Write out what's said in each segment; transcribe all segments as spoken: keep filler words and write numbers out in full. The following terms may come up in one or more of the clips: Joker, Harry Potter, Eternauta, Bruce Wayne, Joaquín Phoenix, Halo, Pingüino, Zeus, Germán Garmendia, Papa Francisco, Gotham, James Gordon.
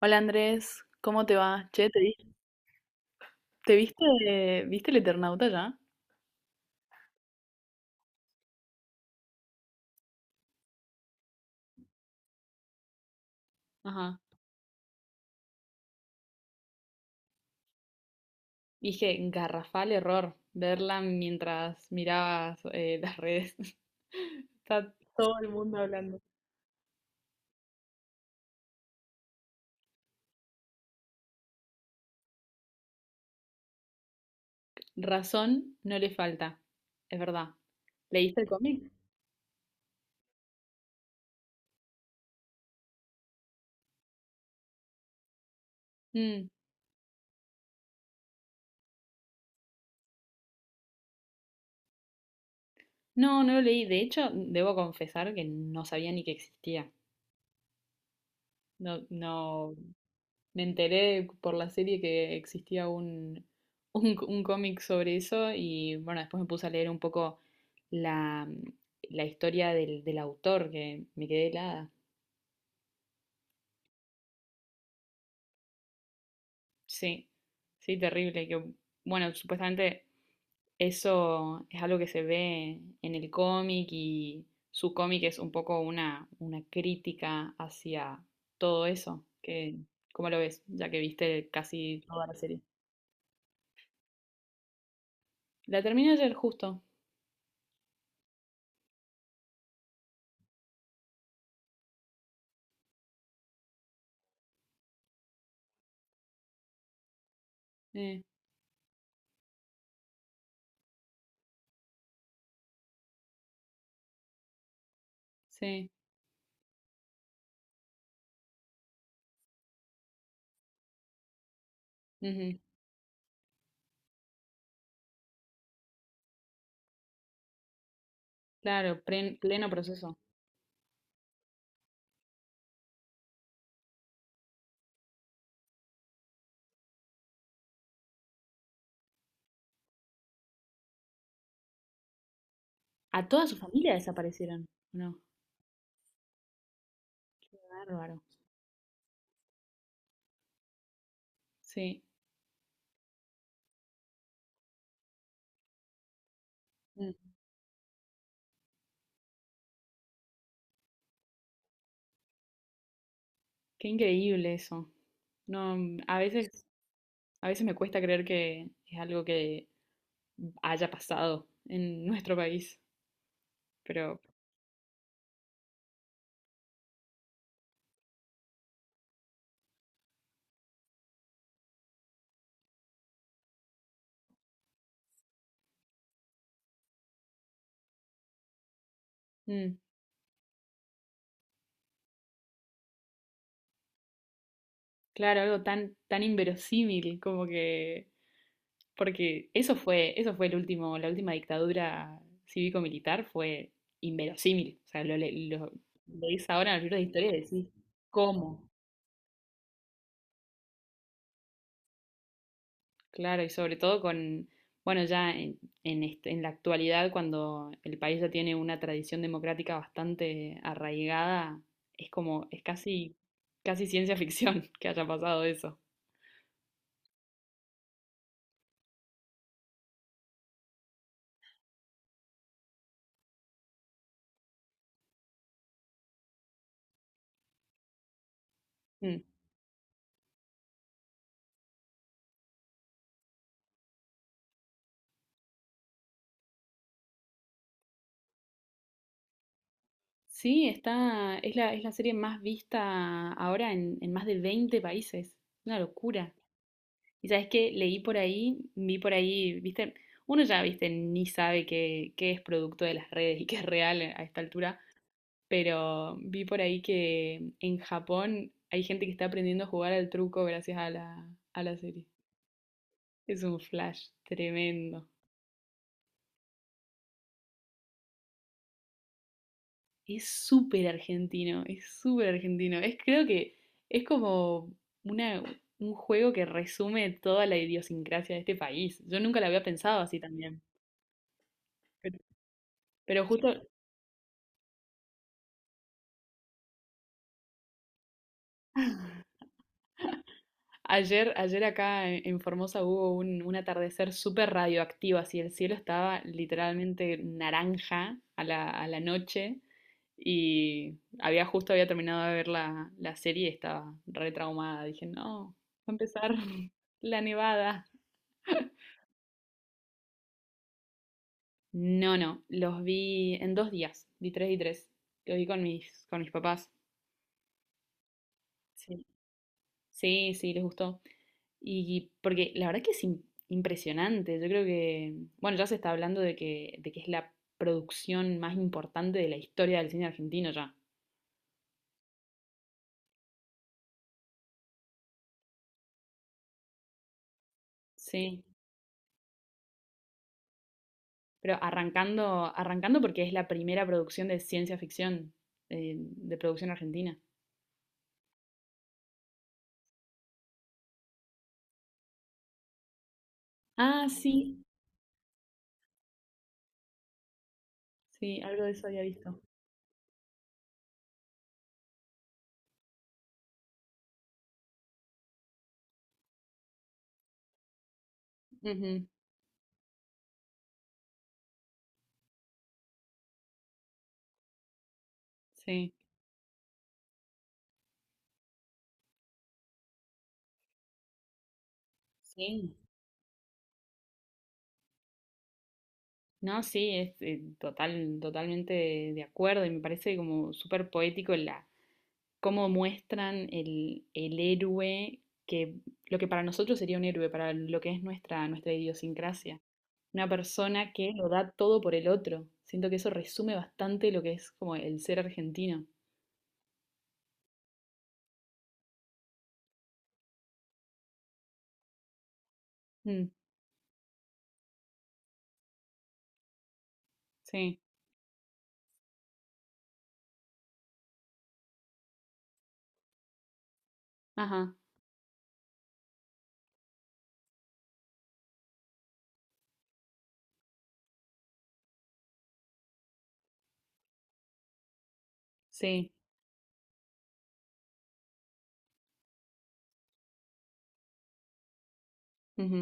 Hola Andrés, ¿cómo te va? Che, ¿te, vi- ¿te viste, viste el Eternauta ya? Ajá. Dije, garrafal error verla mientras mirabas eh, las redes. Está todo el mundo hablando. Razón no le falta, es verdad. ¿Leíste el cómic? Mm, no, no lo leí. De hecho, debo confesar que no sabía ni que existía. No, no. Me enteré por la serie que existía un, un, un cómic sobre eso y bueno, después me puse a leer un poco la, la historia del, del autor que me quedé helada. Sí, sí, terrible. Que, bueno, supuestamente eso es algo que se ve en el cómic y su cómic es un poco una, una crítica hacia todo eso. Que, ¿cómo lo ves? Ya que viste casi toda la serie. La terminé ayer justo. Eh, sí. Ujú. Claro, plen- pleno proceso. A toda su familia desaparecieron. No, qué bárbaro. Sí, mm, qué increíble eso. No, mm, a veces, a veces me cuesta creer que es algo que haya pasado en nuestro país, pero mm, claro, algo tan, tan inverosímil como que, porque eso fue, eso fue el último, la última dictadura cívico-militar fue inverosímil. O sea, lo, le- lo leís ahora en los libros de historia y decís, ¿cómo? Claro, y sobre todo con, bueno, ya en, en, este- en la actualidad, cuando el país ya tiene una tradición democrática bastante arraigada, es como, es casi, casi ciencia ficción que haya pasado eso. Mm. Sí, está, es la, es la serie más vista ahora en, en más de veinte países. Una locura. Y sabes qué, leí por ahí, vi por ahí, viste, uno ya, viste, ni sabe qué, qué es producto de las redes y qué es real a esta altura, pero vi por ahí que en Japón hay gente que está aprendiendo a jugar al truco gracias a la, a la serie. Es un flash tremendo. Es súper argentino, es súper argentino. Es, creo que es como una, un juego que resume toda la idiosincrasia de este país. Yo nunca la había pensado así también. Pero, pero justo ayer, ayer acá en en Formosa hubo un, un atardecer súper radioactivo, así el cielo estaba literalmente naranja a la, a la noche y había justo había terminado de ver la, la serie y estaba re traumada. Dije, no, va a empezar la nevada. No, no, los vi en dos días, vi tres y tres. Los vi con mis, con mis papás. Sí. Sí, sí, les gustó. Y porque la verdad que es im- impresionante. Yo creo que, bueno, ya se está hablando de que, de que es la producción más importante de la historia del cine argentino ya. Sí. Pero arrancando, arrancando porque es la primera producción de ciencia ficción eh, de producción argentina. Ah, sí, sí, algo de eso había visto. Ujú, sí. Sí. No, sí, es eh, total, totalmente de acuerdo y me parece como súper poético la, cómo muestran el, el héroe, que lo que para nosotros sería un héroe, para lo que es nuestra, nuestra idiosincrasia. Una persona que lo da todo por el otro. Siento que eso resume bastante lo que es como el ser argentino. Mm, sí, ajá, sí, ujú,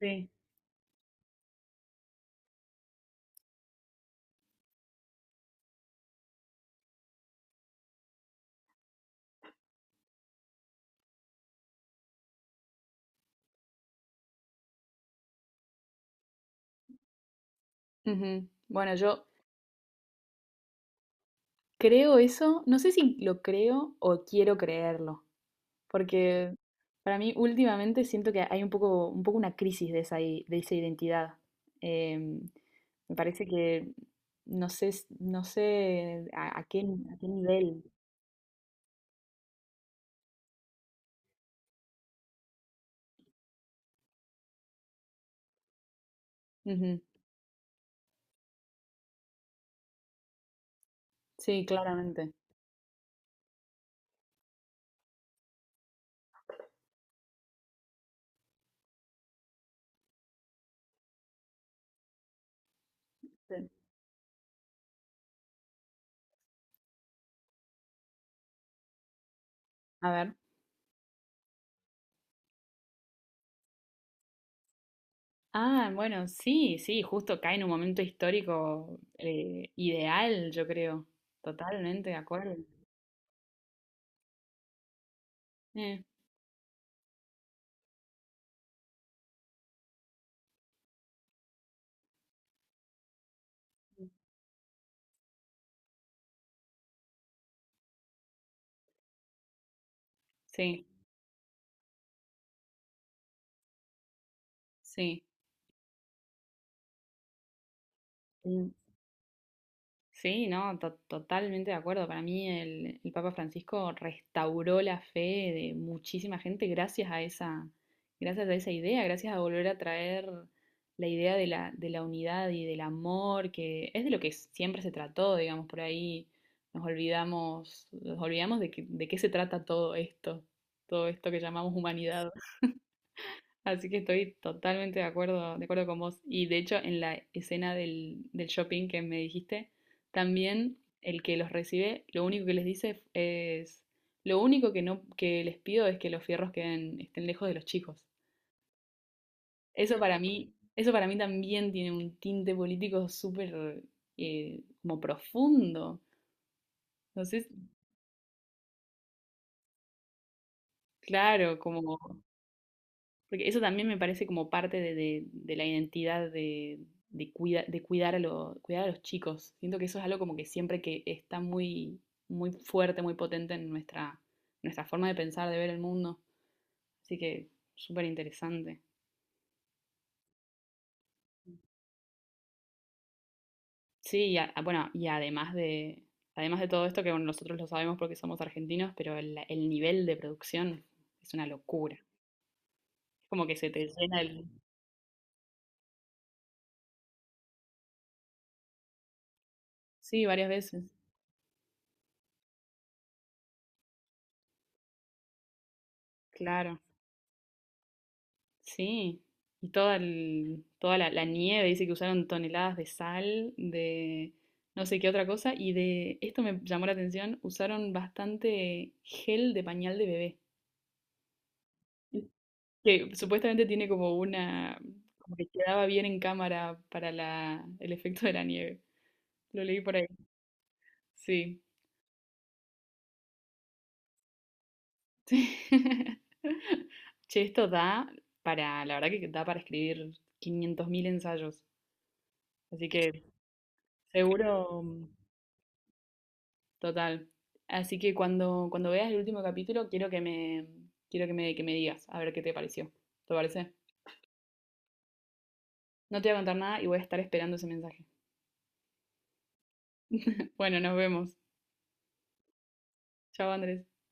sí. Ujú. Bueno, yo creo eso, no sé si lo creo o quiero creerlo. Porque para mí últimamente siento que hay un poco, un poco una crisis de esa, i- de esa identidad. Em, Me parece que no sé, s- no sé a, a qué, a qué nivel. Ujú. Sí, claramente. Sí. A ver. Ah, bueno, sí, sí, justo cae en un momento histórico eh, ideal, yo creo. Totalmente de acuerdo. Eh, sí, sí. Sí, no, to- totalmente de acuerdo. Para mí el, el Papa Francisco restauró la fe de muchísima gente gracias a esa, gracias a esa idea, gracias a volver a traer la idea de la, de la unidad y del amor, que es de lo que siempre se trató, digamos, por ahí nos olvidamos, nos olvidamos de que- de qué se trata todo esto, todo esto que llamamos humanidad. Así que estoy totalmente de acuerdo, de acuerdo con vos. Y de hecho, en la escena del, del shopping que me dijiste, también el que los recibe, lo único que les dice es, lo único que no, que les pido es que los fierros queden, estén lejos de los chicos. Eso para mí, eso para mí también tiene un tinte político súper eh, como profundo. Entonces, claro, como porque eso también me parece como parte de, de- de la identidad de, de, cuida- de cuidar, a lo- cuidar a los chicos. Siento que eso es algo como que siempre que está muy, muy fuerte, muy potente en nuestra, nuestra forma de pensar, de ver el mundo. Así que súper interesante. Sí, y a- bueno, y además de, además de todo esto, que bueno, nosotros lo sabemos porque somos argentinos, pero el, el nivel de producción es una locura. Es como que se te llena el... Sí, varias veces, claro. Sí, y toda, el- toda la, la nieve, dice que usaron toneladas de sal, de no sé qué otra cosa, y de esto me llamó la atención, usaron bastante gel de pañal de bebé, que supuestamente tiene como una, como que quedaba bien en cámara para la, el efecto de la nieve. Lo leí por ahí. Sí. Che, esto da para, la verdad que da para escribir quinientos mil ensayos, así que seguro... Total. Así que cuando, cuando veas el último capítulo, quiero que me, quiero que me, que me digas, a ver qué te pareció. ¿Te parece? No te voy a contar nada y voy a estar esperando ese mensaje. Bueno, nos vemos. Chao, Andrés.